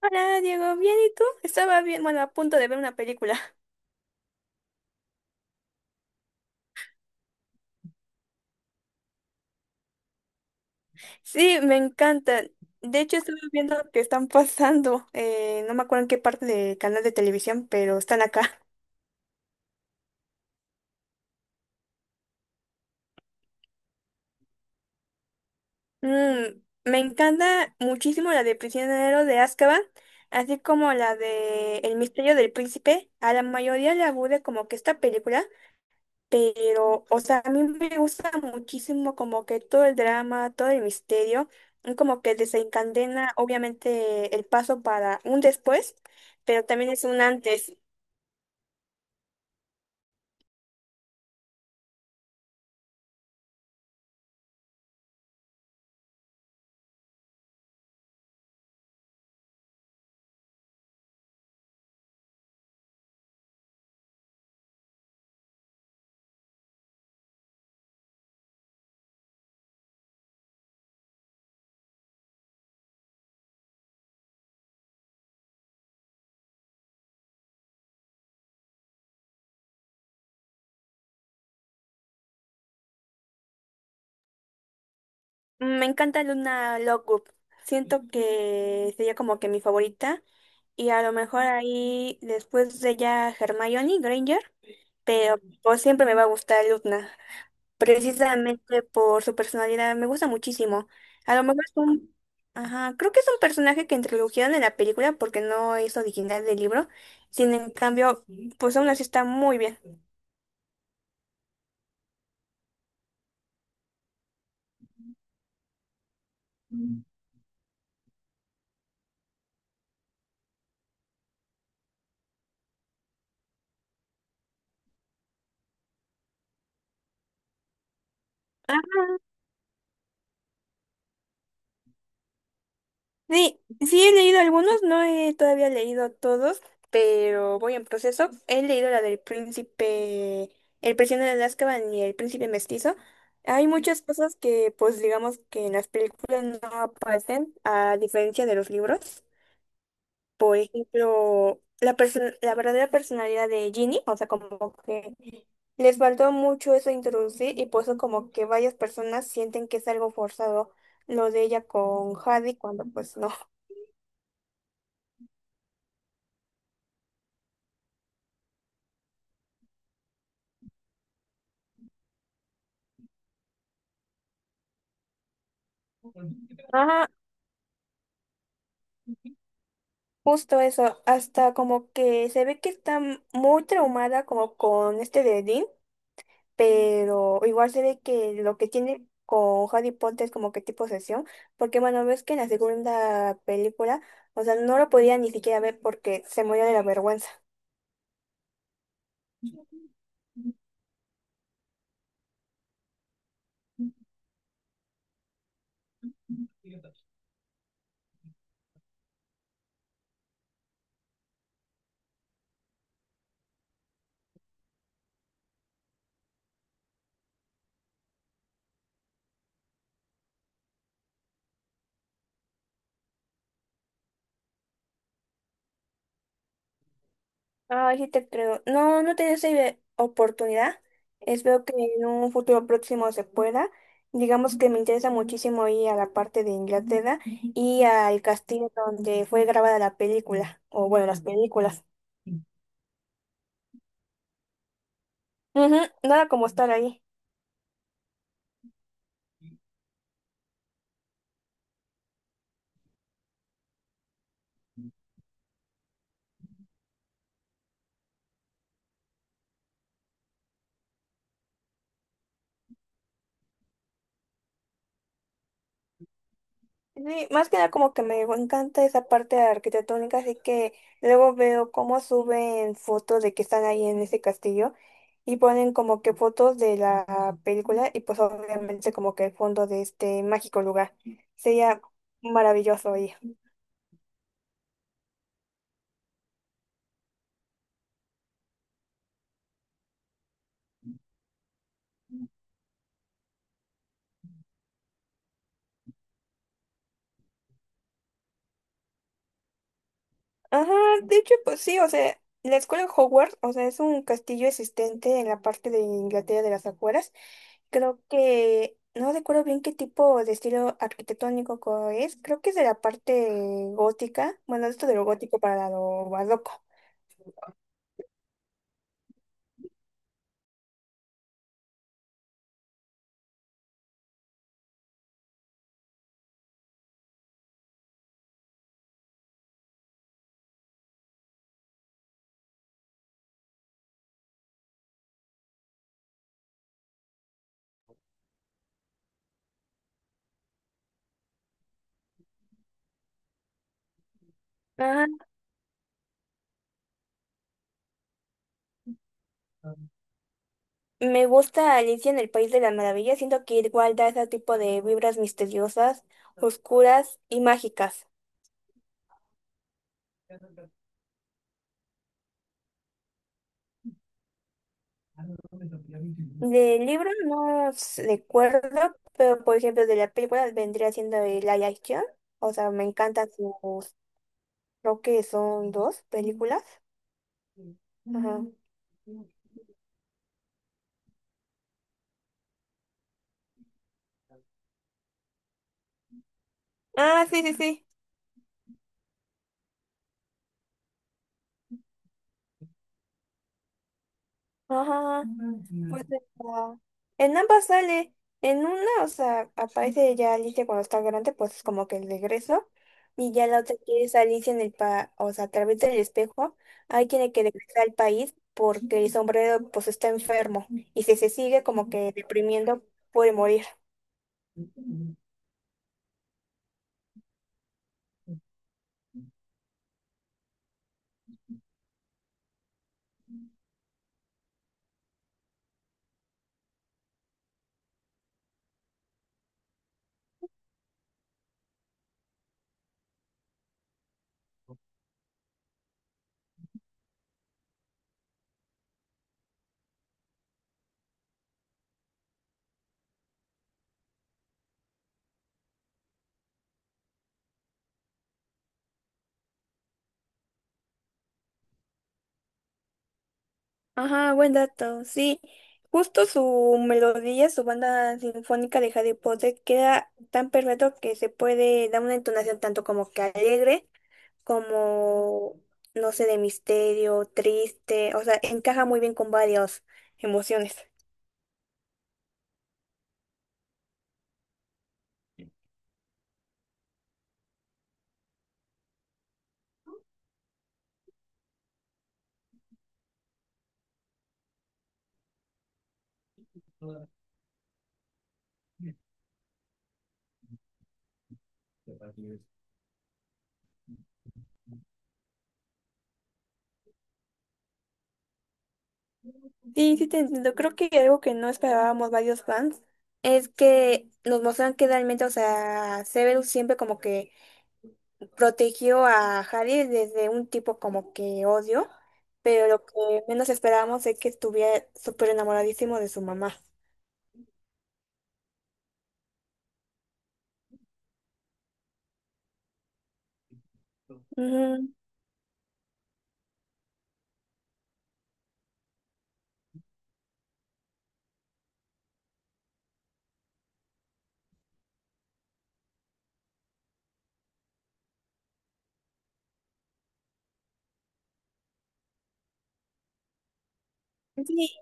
Hola, Diego, ¿bien y tú? Estaba bien, bueno, a punto de ver una película. Sí, me encanta. De hecho, estaba viendo que están pasando, no me acuerdo en qué parte del canal de televisión, pero están acá. Mm, me encanta muchísimo la de Prisionero de Azkaban, así como la de El misterio del príncipe. A la mayoría le aburre como que esta película, pero, o sea, a mí me gusta muchísimo como que todo el drama, todo el misterio, y como que desencadena obviamente el paso para un después, pero también es un antes. Me encanta Luna Lovegood. Siento que sería como que mi favorita y a lo mejor ahí después de ella Hermione Granger, pero pues siempre me va a gustar Luna, precisamente por su personalidad. Me gusta muchísimo. A lo mejor es un... Ajá, creo que es un personaje que introdujeron en la película porque no es original del libro. Sin en cambio, pues aún así está muy bien. Ah, sí, sí he leído algunos, no he todavía leído todos, pero voy en proceso. He leído la del príncipe, el prisionero de Azkaban y el príncipe mestizo. Hay muchas cosas que, pues digamos que en las películas no aparecen, a diferencia de los libros. Por ejemplo, la verdadera personalidad de Ginny, o sea, como que les faltó mucho eso de introducir y por eso como que varias personas sienten que es algo forzado lo de ella con Harry cuando pues no. Ajá, justo eso, hasta como que se ve que está muy traumada como con este de Dean, pero igual se ve que lo que tiene con Harry Potter es como que tipo sesión, porque bueno, ves que en la segunda película, o sea, no lo podía ni siquiera ver porque se murió de la vergüenza. Ay, sí te creo. No, no tenía esa oportunidad. Espero que en un futuro próximo se pueda. Digamos que me interesa muchísimo ir a la parte de Inglaterra y al castillo donde fue grabada la película, o bueno, las películas. Ujú, nada como estar ahí. Sí, más que nada como que me encanta esa parte arquitectónica, así que luego veo cómo suben fotos de que están ahí en ese castillo y ponen como que fotos de la película y pues obviamente como que el fondo de este mágico lugar. Sería maravilloso ir. Ajá, de hecho pues sí, o sea, la escuela Hogwarts, o sea, es un castillo existente en la parte de Inglaterra de las afueras. Creo que no recuerdo bien qué tipo de estilo arquitectónico es. Creo que es de la parte gótica. Bueno, esto de lo gótico para lo barroco. Ah, me gusta Alicia en el País de las Maravillas. Siento que igual da ese tipo de vibras misteriosas, oscuras y mágicas. De libro no recuerdo, pero por ejemplo de la película vendría siendo el Live Action. O sea, me encantan sus, creo que son dos películas. Ajá. Ah, sí, sí, sí. Ajá. Pues en ambas sale. En una, o sea, aparece ya Alicia cuando está grande, pues es como que el regreso. Y ya la otra que es Alicia o sea, a través del espejo, ahí tiene que regresar al país porque el sombrero pues está enfermo. Y si se sigue como que deprimiendo, puede morir. Ajá, buen dato, sí. Justo su melodía, su banda sinfónica de Harry Potter queda tan perfecto que se puede dar una entonación tanto como que alegre como, no sé, de misterio, triste, o sea, encaja muy bien con varias emociones. Sí, sí te entiendo. Creo que algo que no esperábamos varios fans. Es que nos muestran que realmente, o sea, Severus siempre como que protegió a Harry desde un tipo como que odio, pero lo que menos esperábamos es que estuviera súper enamoradísimo de su mamá. Ujú. Sí,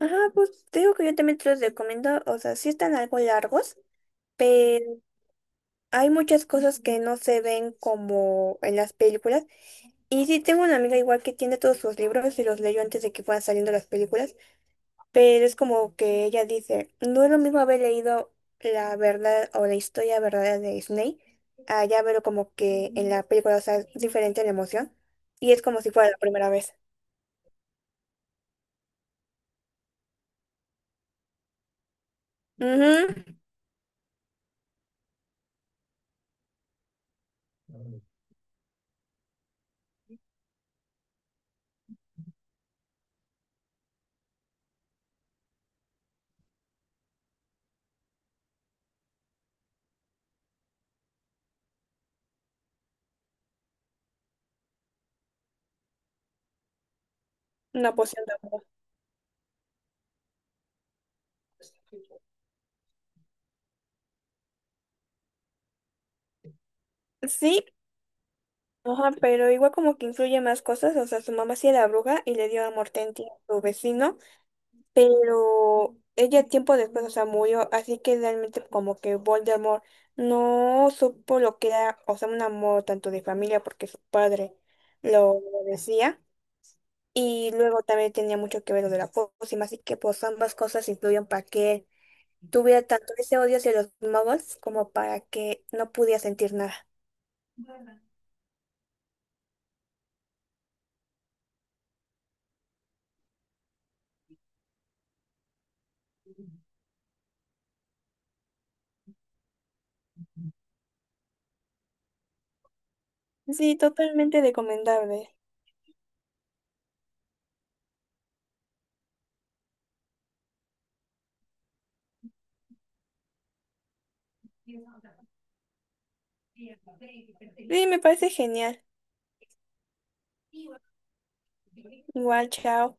ajá, pues te digo que yo también te los recomiendo, o sea, sí están algo largos, pero hay muchas cosas que no se ven como en las películas. Y sí, tengo una amiga igual que tiene todos sus libros y los leyó antes de que fueran saliendo las películas. Pero es como que ella dice, no es lo mismo haber leído la verdad o la historia verdadera de Snape a ya verlo como que en la película, o sea, es diferente la emoción. Y es como si fuera la primera vez. Ujú, una poción de amor. Sí, ajá, pero igual como que influye más cosas. O sea, su mamá sí era bruja y le dio amor a su vecino, pero ella tiempo después, o sea, murió, así que realmente como que Voldemort no supo lo que era, o sea, un amor tanto de familia porque su padre lo decía, y luego también tenía mucho que ver lo de la pócima, así que pues ambas cosas influyen para que él tuviera tanto ese odio hacia los muggles como para que no pudiera sentir nada. Sí, totalmente recomendable. Sí, me parece genial. Igual, chao.